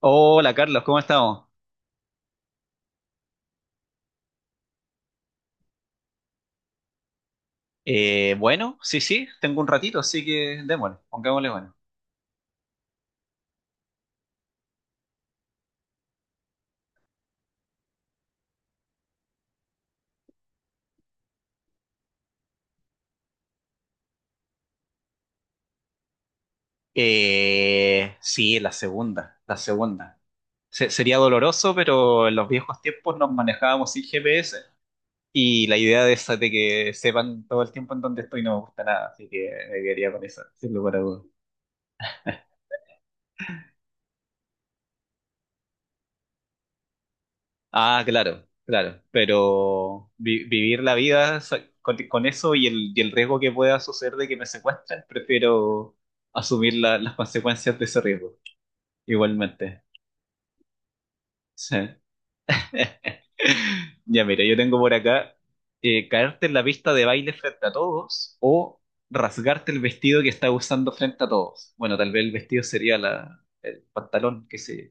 Hola Carlos, ¿cómo estamos? Bueno, sí, sí, tengo un ratito, así que démosle, pongámosle bueno. Sí, la segunda, la segunda. Sería doloroso, pero en los viejos tiempos nos manejábamos sin GPS y la idea de esa de que sepan todo el tiempo en dónde estoy no me gusta nada, así que me quedaría con esa, sin lugar a dudas. Ah, claro, claro, pero vivir la vida con, eso y el riesgo que pueda suceder de que me secuestren, prefiero asumir las consecuencias de ese riesgo, igualmente. Sí. Ya mira, yo tengo por acá caerte en la pista de baile frente a todos o rasgarte el vestido que estás usando frente a todos. Bueno, tal vez el vestido sería la, el pantalón, que sé yo.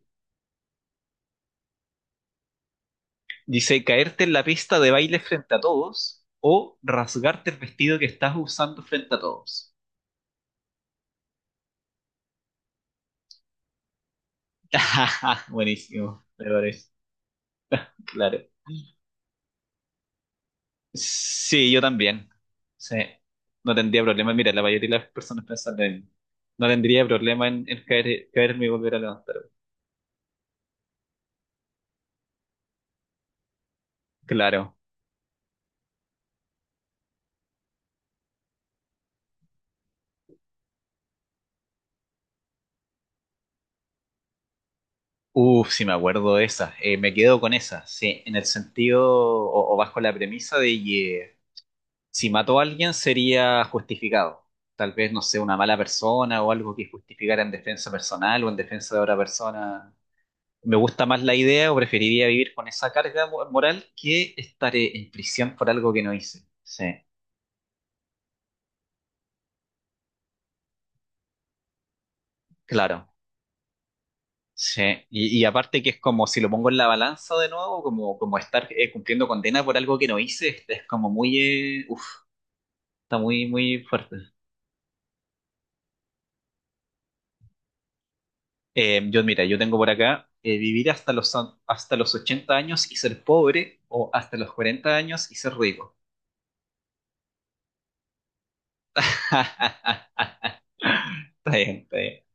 Dice, caerte en la pista de baile frente a todos o rasgarte el vestido que estás usando frente a todos. Buenísimo, me parece, claro. Sí, yo también. Sí, no tendría problema. Mira, la mayoría de las personas piensan lo mismo. No tendría problema en caerme y volver a levantar. Claro. Uf, sí me acuerdo de esa. Me quedo con esa, sí, en el sentido o, bajo la premisa de que si mató a alguien sería justificado. Tal vez, no sé, una mala persona o algo que justificara en defensa personal o en defensa de otra persona. Me gusta más la idea o preferiría vivir con esa carga moral que estaré en prisión por algo que no hice. Sí, claro. Sí. Y aparte que es como si lo pongo en la balanza de nuevo, como estar cumpliendo condena por algo que no hice, es como muy, uf, está muy, muy fuerte. Mira, yo tengo por acá vivir hasta los 80 años y ser pobre o hasta los 40 años y ser rico. Está bien, está bien.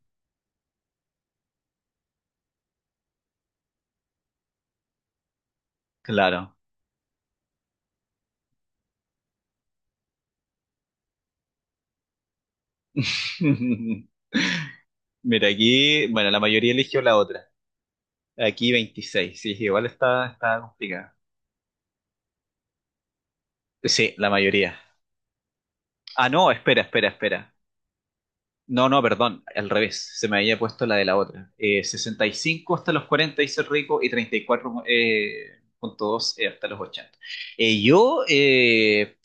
Claro. Mira, aquí, bueno, la mayoría eligió la otra. Aquí 26 sí, igual está complicada. Sí, la mayoría. Ah, no, espera, espera, espera. No, no, perdón, al revés, se me había puesto la de la otra. Sesenta y cinco hasta los 40 dice el rico y 34,2 hasta los 80. Eh, yo, eh,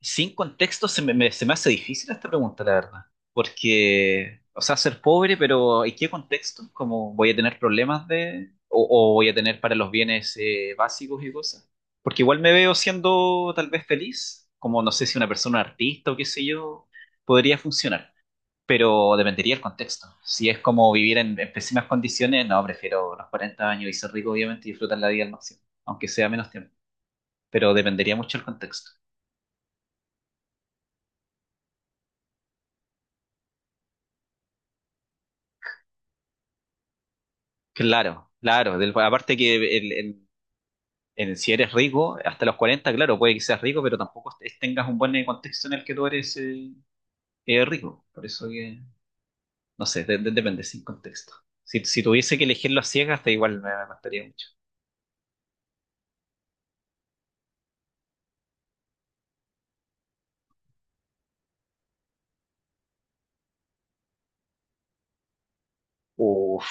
sin contexto, se me hace difícil esta pregunta, la verdad. Porque, o sea, ser pobre, pero ¿en qué contexto? ¿Cómo voy a tener problemas de, o voy a tener para los bienes básicos y cosas? Porque igual me veo siendo tal vez feliz, como no sé si una persona artista o qué sé yo, podría funcionar pero dependería el contexto. Si es como vivir en pésimas condiciones, no, prefiero los 40 años y ser rico, obviamente, y disfrutar la vida al máximo, aunque sea menos tiempo. Pero dependería mucho el contexto. Claro, claro. Aparte que si eres rico, hasta los 40, claro, puede que seas rico, pero tampoco tengas un buen contexto en el que tú eres rico. Por eso que, no sé, depende, sin contexto. Si tuviese que elegirlo a ciegas, da igual me costaría mucho. Uf.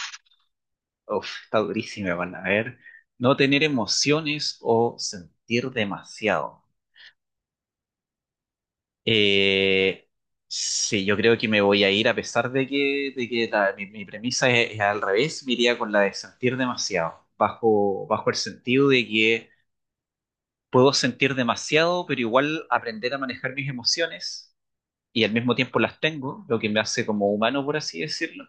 Uf, está durísima, van a ver. No tener emociones o sentir demasiado. Eh, sí, yo creo que me voy a ir, a pesar de que mi premisa es al revés, me iría con la de sentir demasiado, bajo el sentido de que puedo sentir demasiado, pero igual aprender a manejar mis emociones y al mismo tiempo las tengo, lo que me hace como humano, por así decirlo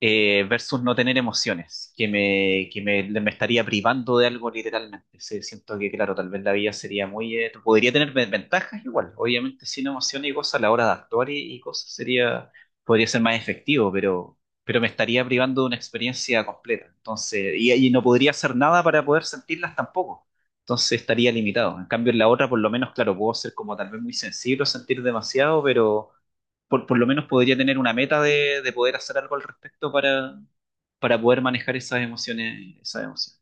versus no tener emociones, que me, me estaría privando de algo literalmente. Sí, siento que, claro, tal vez la vida sería muy, podría tener ventajas igual, obviamente sin emociones y cosas a la hora de actuar y cosas sería, podría ser más efectivo, pero me estaría privando de una experiencia completa. Entonces, y no podría hacer nada para poder sentirlas tampoco. Entonces estaría limitado. En cambio, en la otra, por lo menos, claro, puedo ser como tal vez muy sensible o sentir demasiado, pero por lo menos podría tener una meta de poder hacer algo al respecto para poder manejar esas emociones, esas emociones.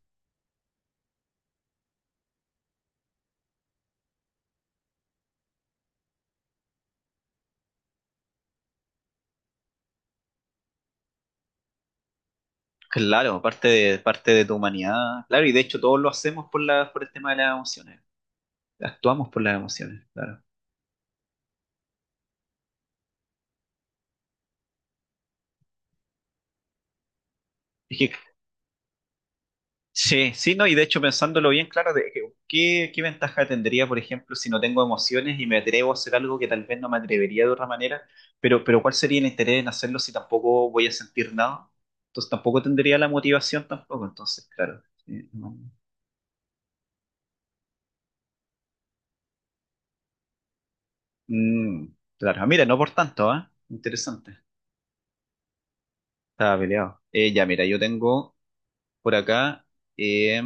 Claro, parte de tu humanidad, claro, y de hecho todos lo hacemos por la, por el tema de las emociones, actuamos por las emociones, claro. Es que. Sí, sí, no, y de hecho pensándolo bien, claro, ¿qué ventaja tendría, por ejemplo, si no tengo emociones y me atrevo a hacer algo que tal vez no me atrevería de otra manera? Pero ¿cuál sería el interés en hacerlo si tampoco voy a sentir nada? Entonces tampoco tendría la motivación tampoco, entonces, claro. Sí, no. Mm, claro, ah, mira, no por tanto, ¿ah? Interesante. Estaba peleado. Ya, mira, yo tengo por acá eh,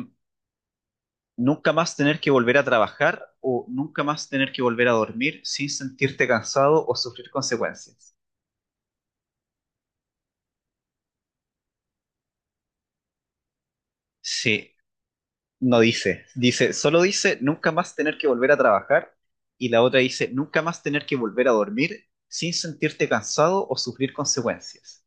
nunca más tener que volver a trabajar o nunca más tener que volver a dormir sin sentirte cansado o sufrir consecuencias. Sí, no dice, solo dice nunca más tener que volver a trabajar y la otra dice nunca más tener que volver a dormir sin sentirte cansado o sufrir consecuencias.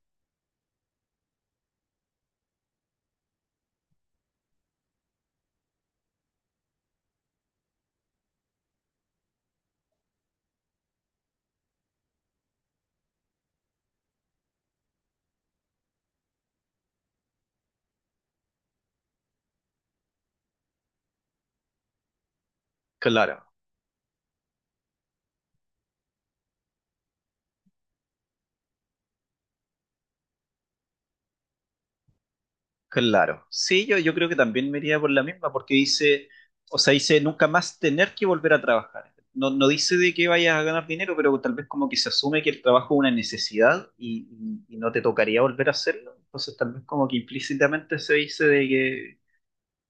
Claro. Claro, sí, yo creo que también me iría por la misma, porque dice, o sea, dice nunca más tener que volver a trabajar. No, no dice de que vayas a ganar dinero, pero tal vez como que se asume que el trabajo es una necesidad y no te tocaría volver a hacerlo. Entonces tal vez como que implícitamente se dice de que,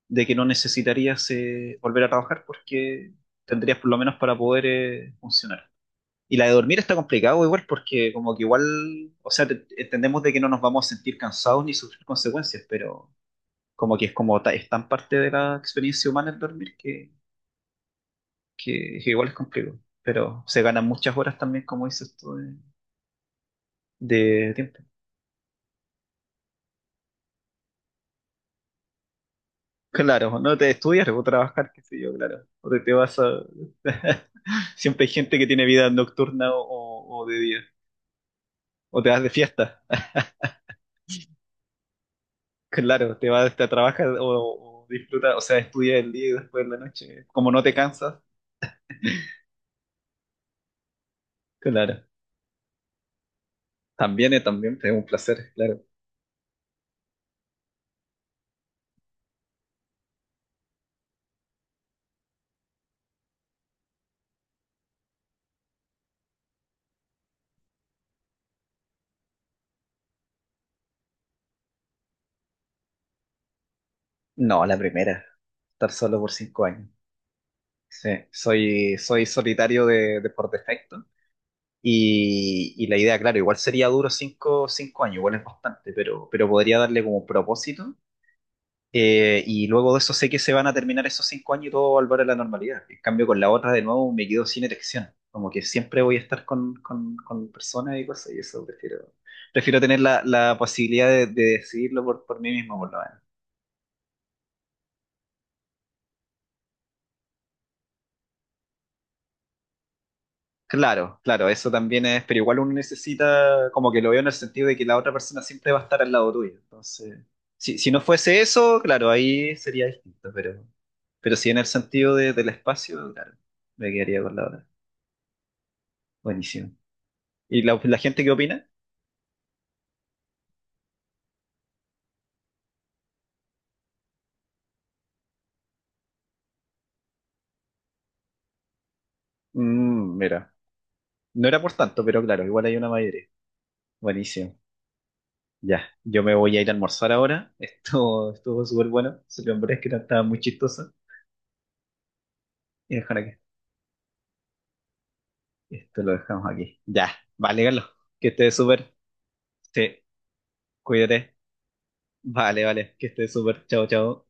de que no necesitarías volver a trabajar porque tendrías por lo menos para poder funcionar. Y la de dormir está complicado igual porque como que igual, o sea, entendemos de que no nos vamos a sentir cansados ni sufrir consecuencias, pero como que es como es tan parte de la experiencia humana el dormir que, igual es complicado, pero se ganan muchas horas también, como dices tú, de tiempo. Claro, no te estudias, o trabajar, qué sé yo, claro, o te vas a. Siempre hay gente que tiene vida nocturna o de día, o te vas de fiesta, claro, te vas te trabajas o disfrutas, o sea, estudias el día y después en la noche, como no te cansas, claro, también, también es un placer, claro. No, la primera, estar solo por 5 años. Sí, soy solitario de por defecto. Y la idea, claro, igual sería duro cinco años, igual es bastante, pero podría darle como propósito. Y luego de eso sé que se van a terminar esos 5 años y todo va a volver a la normalidad. En cambio, con la otra, de nuevo, me quedo sin erección. Como que siempre voy a estar con personas y cosas, y eso prefiero tener la posibilidad de decidirlo por mí mismo, por lo menos. Claro, claro, eso también es, pero igual uno necesita, como que lo veo en el sentido de que la otra persona siempre va a estar al lado tuyo. Entonces, si no fuese eso, claro, ahí sería distinto, pero sí en el sentido del espacio, claro, me quedaría con la otra. Buenísimo. ¿Y la gente qué opina? Mm, mira, no era por tanto, pero claro, igual hay una mayoría. Buenísimo. Ya, yo me voy a ir a almorzar ahora. Esto estuvo súper bueno. Se lo que no estaba muy chistoso. Y dejar aquí. Esto lo dejamos aquí. Ya, vale, Carlos. Que estés súper. Sí, cuídate. Vale, vale. Que estés súper. Chao, chao.